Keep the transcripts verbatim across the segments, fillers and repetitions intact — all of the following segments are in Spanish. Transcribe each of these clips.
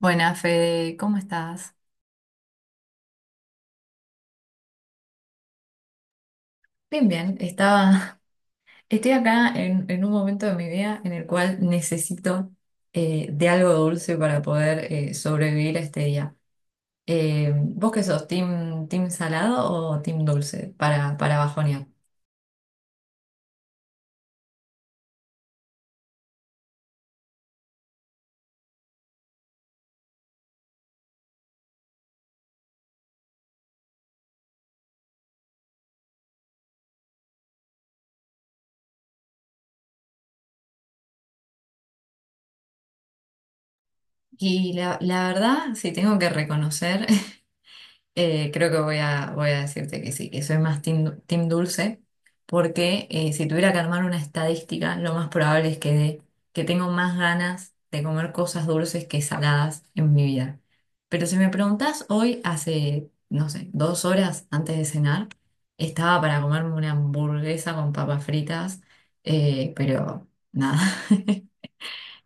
Buenas, Fede, ¿cómo estás? Bien, bien, estaba, estoy acá en, en un momento de mi vida en el cual necesito eh, de algo dulce para poder eh, sobrevivir a este día. Eh, ¿vos qué sos, team, team salado o team dulce para, para bajonear? Y la, la verdad, sí, tengo que reconocer. Eh, creo que voy a, voy a decirte que sí, que soy más team, team dulce, porque eh, si tuviera que armar una estadística, lo más probable es que, de- que tengo más ganas de comer cosas dulces que saladas en mi vida. Pero si me preguntás hoy, hace, no sé, dos horas antes de cenar, estaba para comerme una hamburguesa con papas fritas, eh, pero nada.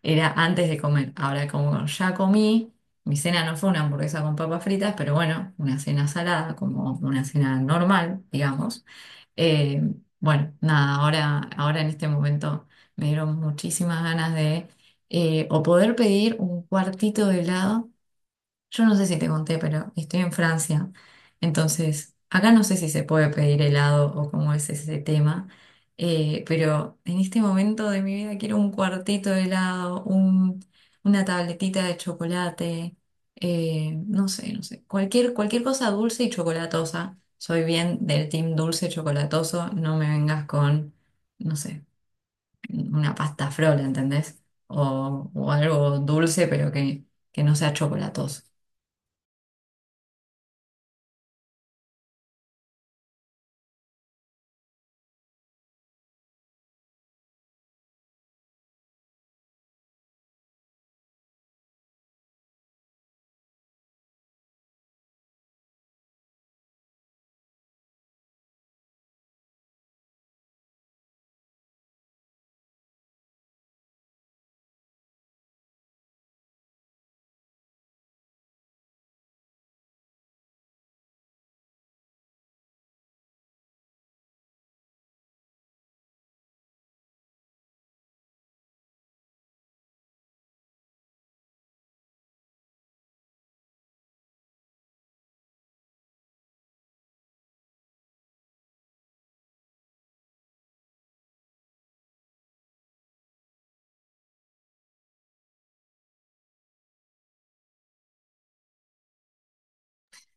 Era antes de comer. Ahora, como ya comí, mi cena no fue una hamburguesa con papas fritas, pero bueno, una cena salada, como una cena normal, digamos. Eh, bueno, nada, ahora, ahora en este momento me dieron muchísimas ganas de eh, o poder pedir un cuartito de helado. Yo no sé si te conté, pero estoy en Francia. Entonces, acá no sé si se puede pedir helado o cómo es ese tema. Eh, pero en este momento de mi vida quiero un cuartito de helado, un- una tabletita de chocolate, eh, no sé, no sé. Cualquier, cualquier cosa dulce y chocolatosa. Soy bien del team dulce chocolatoso. No me vengas con, no sé, una pasta frola, ¿entendés? O, o algo dulce, pero que, que no sea chocolatoso.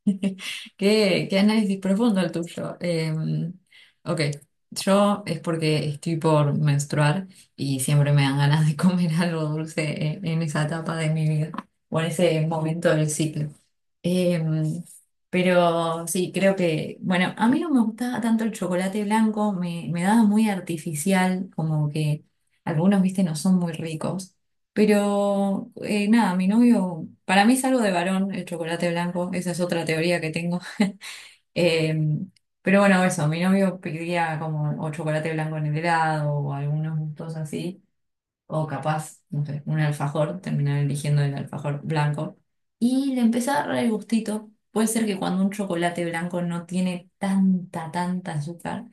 Qué, qué análisis profundo el tuyo. Eh, ok, yo es porque estoy por menstruar y siempre me dan ganas de comer algo dulce en, en esa etapa de mi vida o en ese momento del ciclo. Eh, pero sí, creo que, bueno, a mí no me gustaba tanto el chocolate blanco, me, me daba muy artificial, como que algunos, viste, no son muy ricos. Pero eh, nada, mi novio, para mí es algo de varón el chocolate blanco, esa es otra teoría que tengo. Eh, pero bueno, eso, mi novio pedía como o chocolate blanco en el helado o algunos gustos así o capaz, no sé, un alfajor, terminar eligiendo el alfajor blanco, y le empieza a dar el gustito. Puede ser que cuando un chocolate blanco no tiene tanta, tanta azúcar,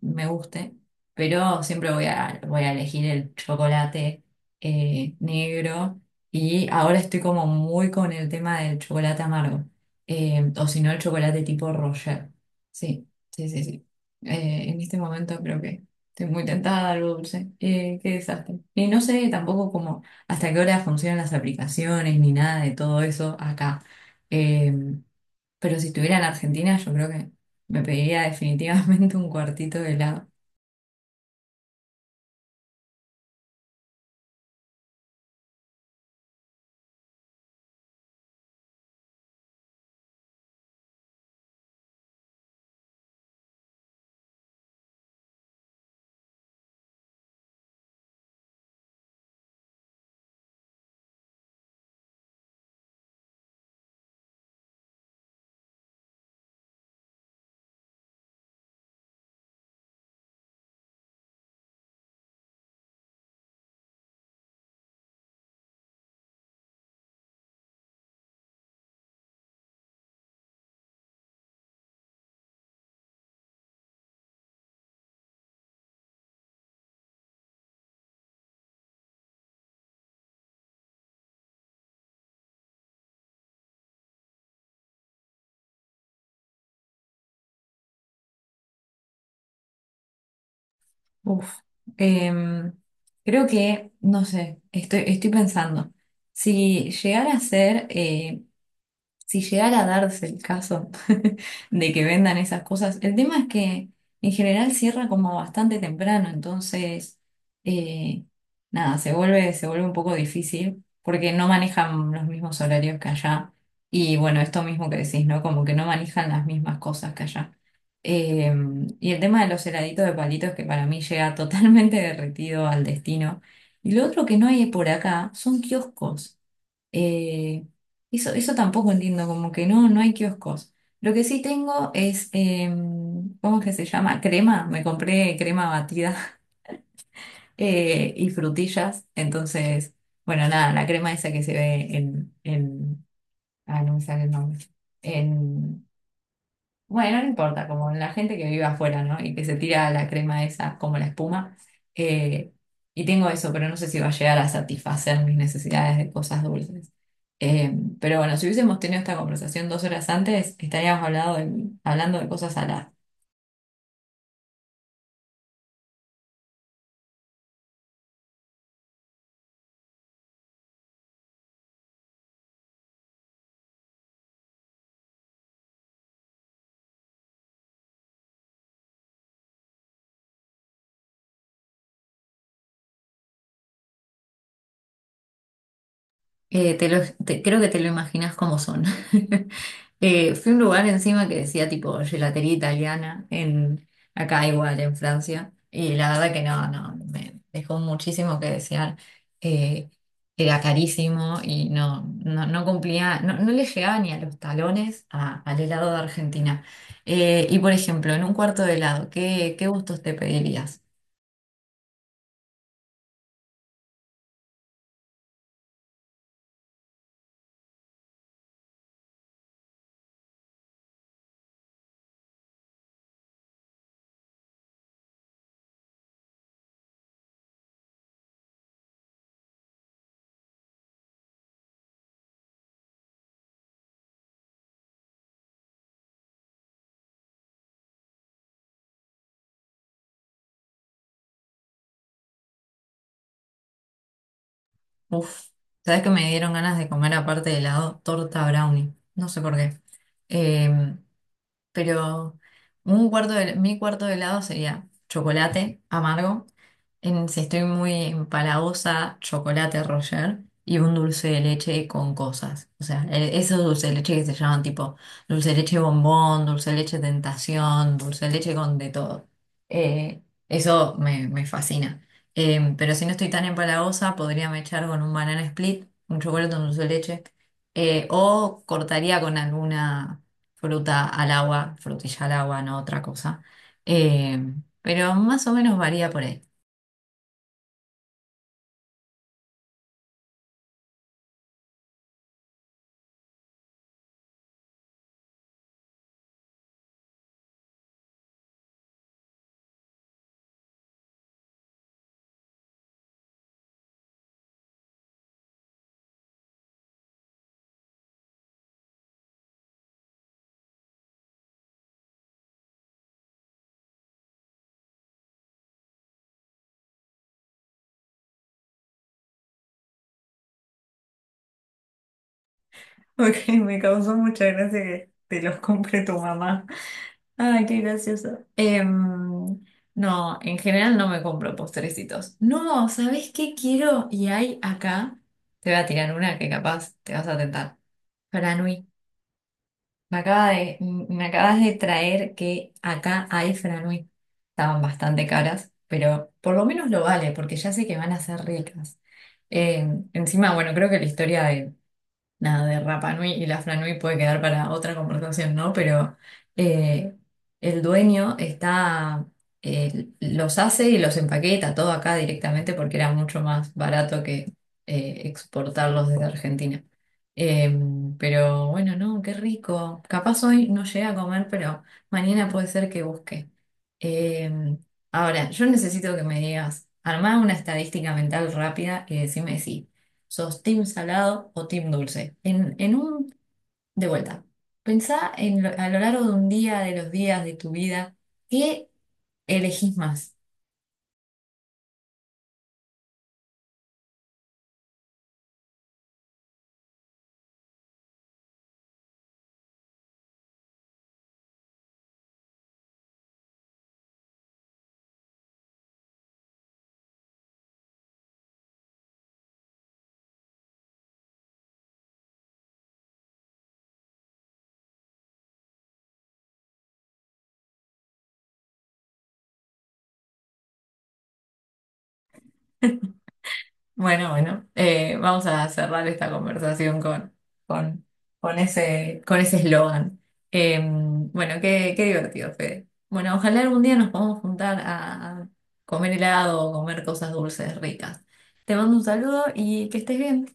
me guste, pero siempre voy a, voy a elegir el chocolate eh, negro y ahora estoy como muy con el tema del chocolate amargo, eh, o si no el chocolate tipo Roger. Sí, sí, sí, sí. Eh, en este momento creo que... Estoy muy tentada al dulce. Eh, qué desastre. Y no sé tampoco cómo hasta qué hora funcionan las aplicaciones ni nada de todo eso acá. Eh, pero si estuviera en Argentina, yo creo que me pediría definitivamente un cuartito de helado. Uf. Eh, Creo que, no sé, estoy, estoy pensando. Si llegara a ser eh, si llegara a darse el caso de que vendan esas cosas, el tema es que en general cierra como bastante temprano, entonces, eh, nada, se vuelve, se vuelve un poco difícil porque no manejan los mismos horarios que allá. Y bueno, esto mismo que decís, ¿no? Como que no manejan las mismas cosas que allá. Eh, y el tema de los heladitos de palitos que para mí llega totalmente derretido al destino. Y lo otro que no hay por acá son kioscos. Eh, Eso, eso tampoco entiendo, como que no, no hay kioscos. Lo que sí tengo es, em, ¿cómo es que se llama? Crema. Me compré crema batida eh, y frutillas. Entonces, bueno, nada, la crema esa que se ve en, en, ah, no me sale el nombre. Bueno, no importa, como la gente que vive afuera, ¿no? Y que se tira la crema esa como la espuma. eh, y tengo eso, pero no sé si va a llegar a satisfacer mis necesidades de cosas dulces. Eh, pero bueno, si hubiésemos tenido esta conversación dos horas antes, estaríamos hablado de- hablando de cosas saladas. Eh, te lo- te- creo que te lo imaginas como son. Eh, fui a un lugar encima que decía tipo gelatería italiana, en, acá igual en Francia, y la verdad que no, no, me dejó muchísimo que desear. Eh, Era carísimo y no, no, no cumplía, no, no le llegaba ni a los talones a- al helado de Argentina. Eh, y por ejemplo, en un cuarto de helado, ¿qué, qué gustos te pedirías? Uf, ¿sabes que me dieron ganas de comer aparte de helado, torta brownie? No sé por qué. Eh, pero un cuarto de, mi cuarto de helado sería chocolate amargo, en, si estoy muy empalagosa, chocolate Roger y un dulce de leche con cosas. O sea, e- esos dulces de leche que se llaman tipo dulce de leche bombón, dulce de leche tentación, dulce de leche con de todo. Eh, Eso me, me fascina. Eh, pero si no estoy tan empalagosa, podría me echar con un banana split, un chocolate con dulce de leche, eh, o cortaría con alguna fruta al agua, frutilla al agua, no otra cosa. Eh, pero más o menos varía por ahí. Ok, me causó mucha gracia que te los compre tu mamá. Ay, qué gracioso. Em, no, en general no me compro postrecitos. No, ¿sabés qué quiero? Y hay acá, te voy a tirar una que capaz te vas a tentar. Franui. Me acaba de, me acabas de traer que acá hay franui. Estaban bastante caras, pero por lo menos lo vale, porque ya sé que van a ser ricas. Eh, Encima, bueno, creo que la historia nada de Rapa Nui y la Franui puede quedar para otra conversación, ¿no? Pero eh, el dueño está, eh, los hace y los empaqueta todo acá directamente porque era mucho más barato que eh, exportarlos desde Argentina. Eh, pero bueno, no, qué rico. Capaz hoy no llegué a comer, pero mañana puede ser que busque. Eh, Ahora, yo necesito que me digas, armá una estadística mental rápida y decime si ¿sos team salado o team dulce? En, en un, de vuelta, pensá en lo- a lo largo de un día, de los días de tu vida, ¿qué elegís más? Bueno, bueno, eh, vamos a cerrar esta conversación con, con, con ese, con ese eslogan. Eh, bueno, qué, qué divertido, Fede. Bueno, ojalá algún día nos podamos juntar a a comer helado o comer cosas dulces ricas. Te mando un saludo y que estés bien.